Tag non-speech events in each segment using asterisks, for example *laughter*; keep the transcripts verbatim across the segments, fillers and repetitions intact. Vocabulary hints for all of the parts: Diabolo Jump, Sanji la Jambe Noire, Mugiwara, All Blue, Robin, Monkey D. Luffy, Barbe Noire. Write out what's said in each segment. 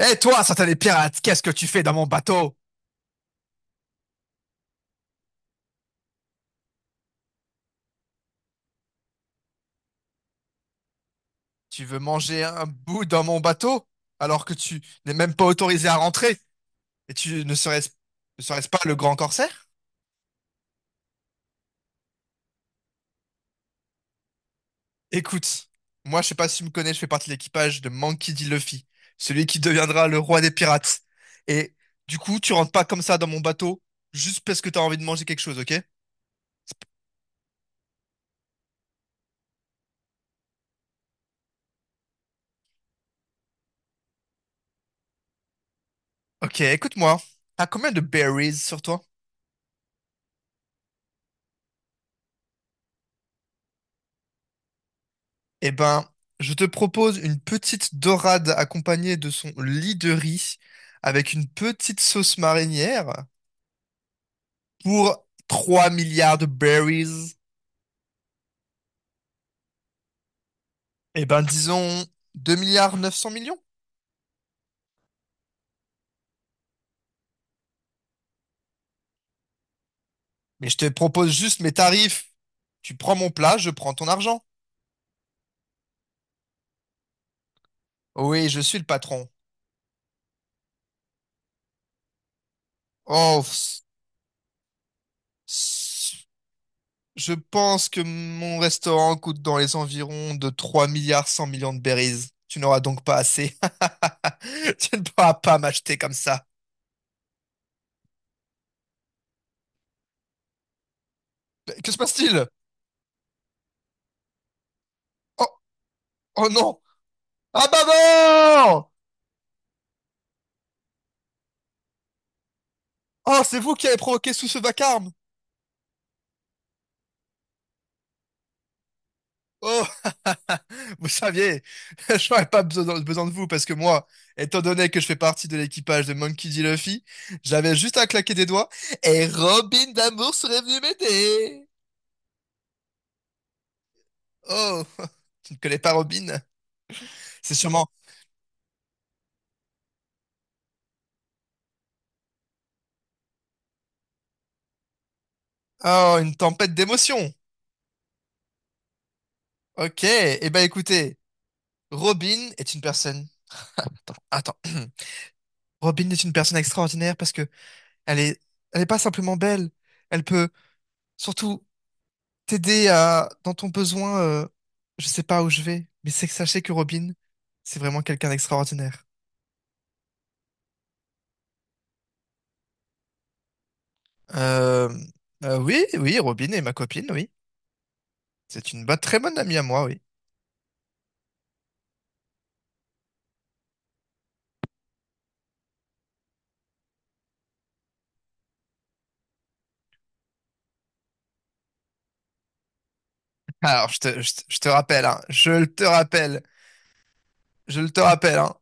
Eh toi, satané pirate, qu'est-ce que tu fais dans mon bateau? Tu veux manger un bout dans mon bateau alors que tu n'es même pas autorisé à rentrer et tu ne serais-ce ne serais ce pas le grand corsaire? Écoute, moi je sais pas si tu me connais, je fais partie de l'équipage de Monkey D. Luffy, celui qui deviendra le roi des pirates. Et du coup, tu rentres pas comme ça dans mon bateau juste parce que t'as envie de manger quelque chose, ok? Ok, écoute-moi. T'as combien de berries sur toi? Eh ben, je te propose une petite dorade accompagnée de son lit de riz avec une petite sauce marinière pour trois milliards de berries. Eh ben, disons deux milliards neuf cents millions. Mais je te propose juste mes tarifs. Tu prends mon plat, je prends ton argent. Oui, je suis le patron. Oh, s- je pense que mon restaurant coûte dans les environs de trois milliards cent millions de berries. Tu n'auras donc pas assez. *laughs* Tu ne pourras pas m'acheter comme ça. Mais que se passe-t-il? Oh, oh non! Ah bah non! Oh, c'est vous qui avez provoqué tout ce vacarme! Oh, *laughs* vous saviez, *laughs* je n'aurais pas besoin besoin de vous parce que moi, étant donné que je fais partie de l'équipage de Monkey D. Luffy, j'avais juste à claquer des doigts et Robin d'amour serait venu m'aider. Oh, *laughs* tu ne connais pas Robin? C'est sûrement oh, une tempête d'émotions. Ok, eh ben écoutez, Robin est une personne. Attends, attends. *clears throat* Robin est une personne extraordinaire parce que elle est, elle est pas simplement belle. Elle peut surtout t'aider à dans ton besoin. Euh, je sais pas où je vais, mais c'est que sachez que Robin, c'est vraiment quelqu'un d'extraordinaire. Euh, euh, oui, oui, Robin est ma copine, oui. C'est une bonne, très bonne amie à moi, oui. Alors, je te, je te je te rappelle, hein, je le te rappelle, je le te rappelle, hein.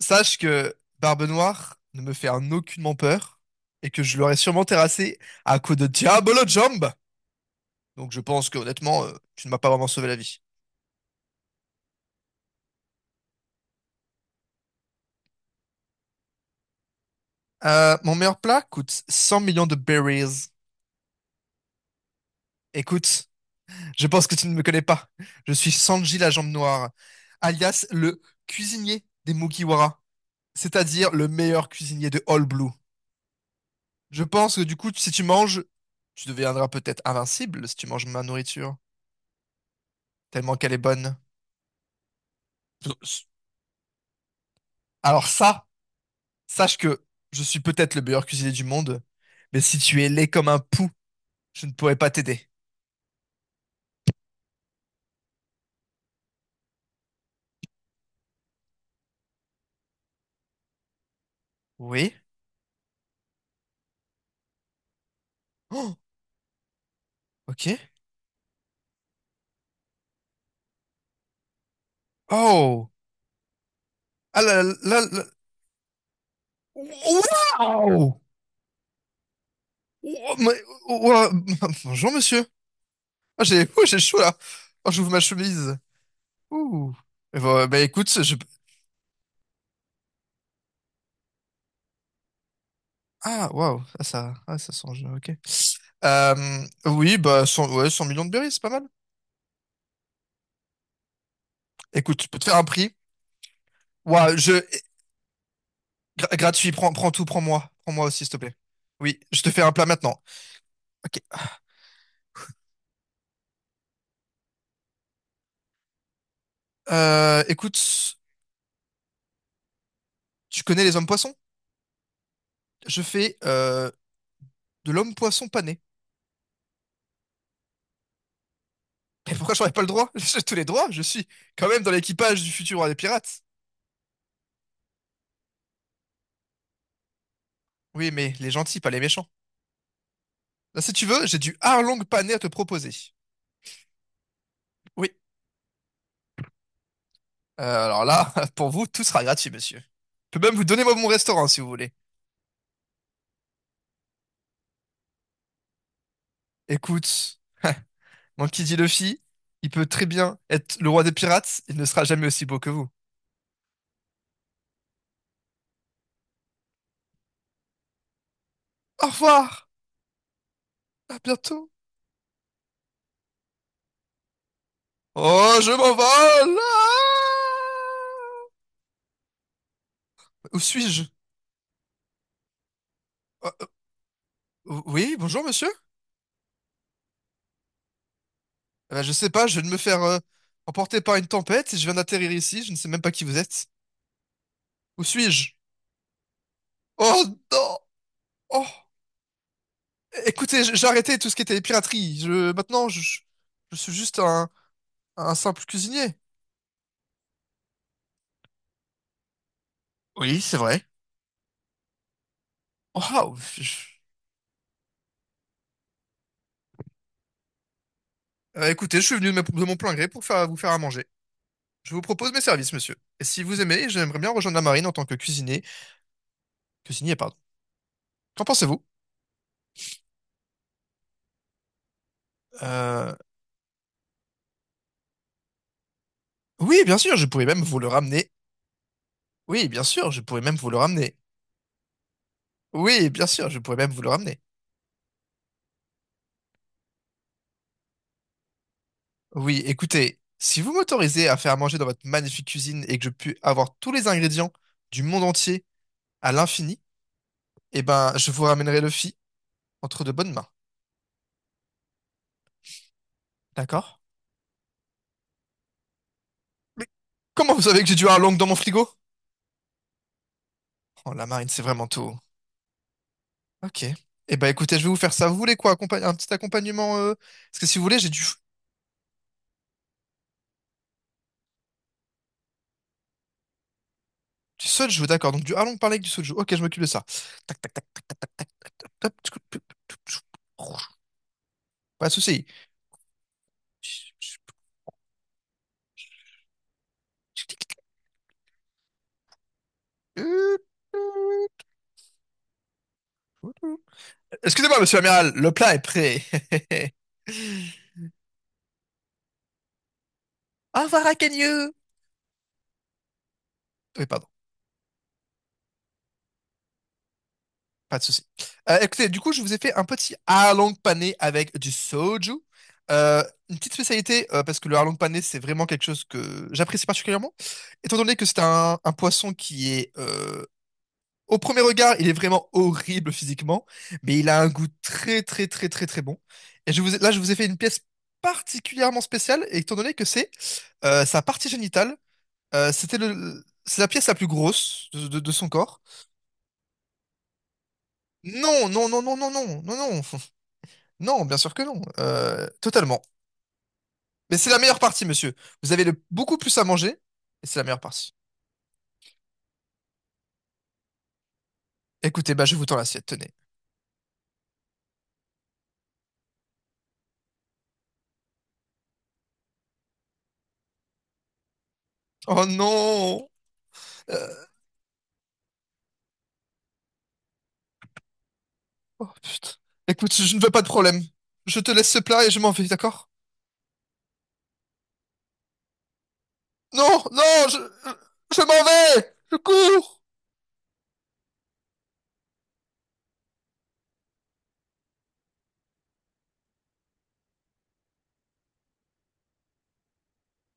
Sache que Barbe Noire ne me fait en aucunement peur et que je l'aurais sûrement terrassé à coups de Diabolo Jump. Donc je pense que honnêtement, euh, tu ne m'as pas vraiment sauvé la vie. Euh, mon meilleur plat coûte cent millions de berries. Écoute, je pense que tu ne me connais pas. Je suis Sanji la Jambe Noire, alias le cuisinier des Mugiwara, c'est-à-dire le meilleur cuisinier de All Blue. Je pense que du coup, si tu manges, tu deviendras peut-être invincible si tu manges ma nourriture, tellement qu'elle est bonne. Alors ça. Sache que je suis peut-être le meilleur cuisinier du monde, mais si tu es laid comme un pou, je ne pourrai pas t'aider. Oui? Oh, ok. Oh! Ah là là là là- Waouh! Oh, mais- oh, oh, oh, *laughs* bonjour, monsieur. Ah, j'ai oh, j'ai chaud là. Oh, j'ouvre ma chemise. Ouh. Eh ben, bah, écoute, je... Ah, waouh. Ah, ça... Ah, ça sent... Ok. Euh, oui, bah, cent. Ouais, cent millions de berries, c'est pas mal. Écoute, je peux te faire un prix. Waouh, je... Gra- gratuit, prends, prends tout, prends-moi. Prends-moi aussi, s'il te plaît. Oui, je te fais un plat maintenant. Ok. Euh, écoute, tu connais les hommes poissons? Je fais euh, de l'homme poisson pané. Mais pourquoi j'aurais pas le droit? *laughs* J'ai tous les droits, je suis quand même dans l'équipage du futur roi des pirates. Oui, mais les gentils, pas les méchants. Là, si tu veux, j'ai du harlong pané à te proposer. Oui. Euh, alors là, *laughs* pour vous, tout sera gratuit, monsieur. Je peux même vous donner moi mon restaurant si vous voulez. Écoute, mon qui dit Luffy, il peut très bien être le roi des pirates, il ne sera jamais aussi beau que vous. Au revoir, à bientôt. Oh, je m'envole. Ah, où suis-je? Euh, euh, oui, bonjour monsieur. Euh, je sais pas, je viens de me faire euh, emporter par une tempête et je viens d'atterrir ici, je ne sais même pas qui vous êtes. Où suis-je? Oh non! Oh! Écoutez, j- j'ai arrêté tout ce qui était piraterie. Je, maintenant, je, je je suis juste un, un simple cuisinier. Oui, c'est vrai. Waouh! Euh, écoutez, je suis venu de, ma- de mon plein gré pour faire, vous faire à manger. Je vous propose mes services, monsieur. Et si vous aimez, j'aimerais bien rejoindre la marine en tant que cuisinier. Que signé, pardon. Qu'en pensez-vous? Euh, Oui, bien sûr, je pourrais même vous le ramener. Oui, bien sûr, je pourrais même vous le ramener. Oui, bien sûr, je pourrais même vous le ramener. Oui, écoutez, si vous m'autorisez à faire à manger dans votre magnifique cuisine et que je puis avoir tous les ingrédients du monde entier à l'infini, eh ben, je vous ramènerai Luffy entre de bonnes mains. D'accord? Mais comment vous savez que j'ai dû un long dans mon frigo? Oh, la marine, c'est vraiment tout. Ok. Eh ben, écoutez, je vais vous faire ça. Vous voulez quoi? accompa- Un petit accompagnement? euh, Parce que si vous voulez, j'ai du, Du soju, d'accord. Donc du harlong parlé avec du soju. Ok, je m'occupe de ça. Hop. Pas de souci. Excusez-moi, monsieur l'amiral, le plat est prêt. *laughs* Au revoir, Akenyu. Oui, pardon, pas de souci. Euh, écoutez, du coup, je vous ai fait un petit harlong pané avec du soju. Euh, une petite spécialité, euh, parce que le harlong pané, c'est vraiment quelque chose que j'apprécie particulièrement. Étant donné que c'est un, un poisson qui est euh, au premier regard, il est vraiment horrible physiquement, mais il a un goût très très très très très bon. Et je vous ai- là, je vous ai fait une pièce particulièrement spéciale, étant donné que c'est euh, sa partie génitale. Euh, c'était le, c'est la pièce la plus grosse de, de- de son corps. Non, non, non, non, non, non, non, non, *laughs* non, bien sûr que non, euh, totalement. Mais c'est la meilleure partie, monsieur. Vous avez le, beaucoup plus à manger, et c'est la meilleure partie. Écoutez, bah je vous tends l'assiette, tenez. Oh non! Euh, oh putain. Écoute, je ne veux pas de problème. Je te laisse ce plat et je m'en vais, d'accord? Non, non, je, je m'en vais! Je cours!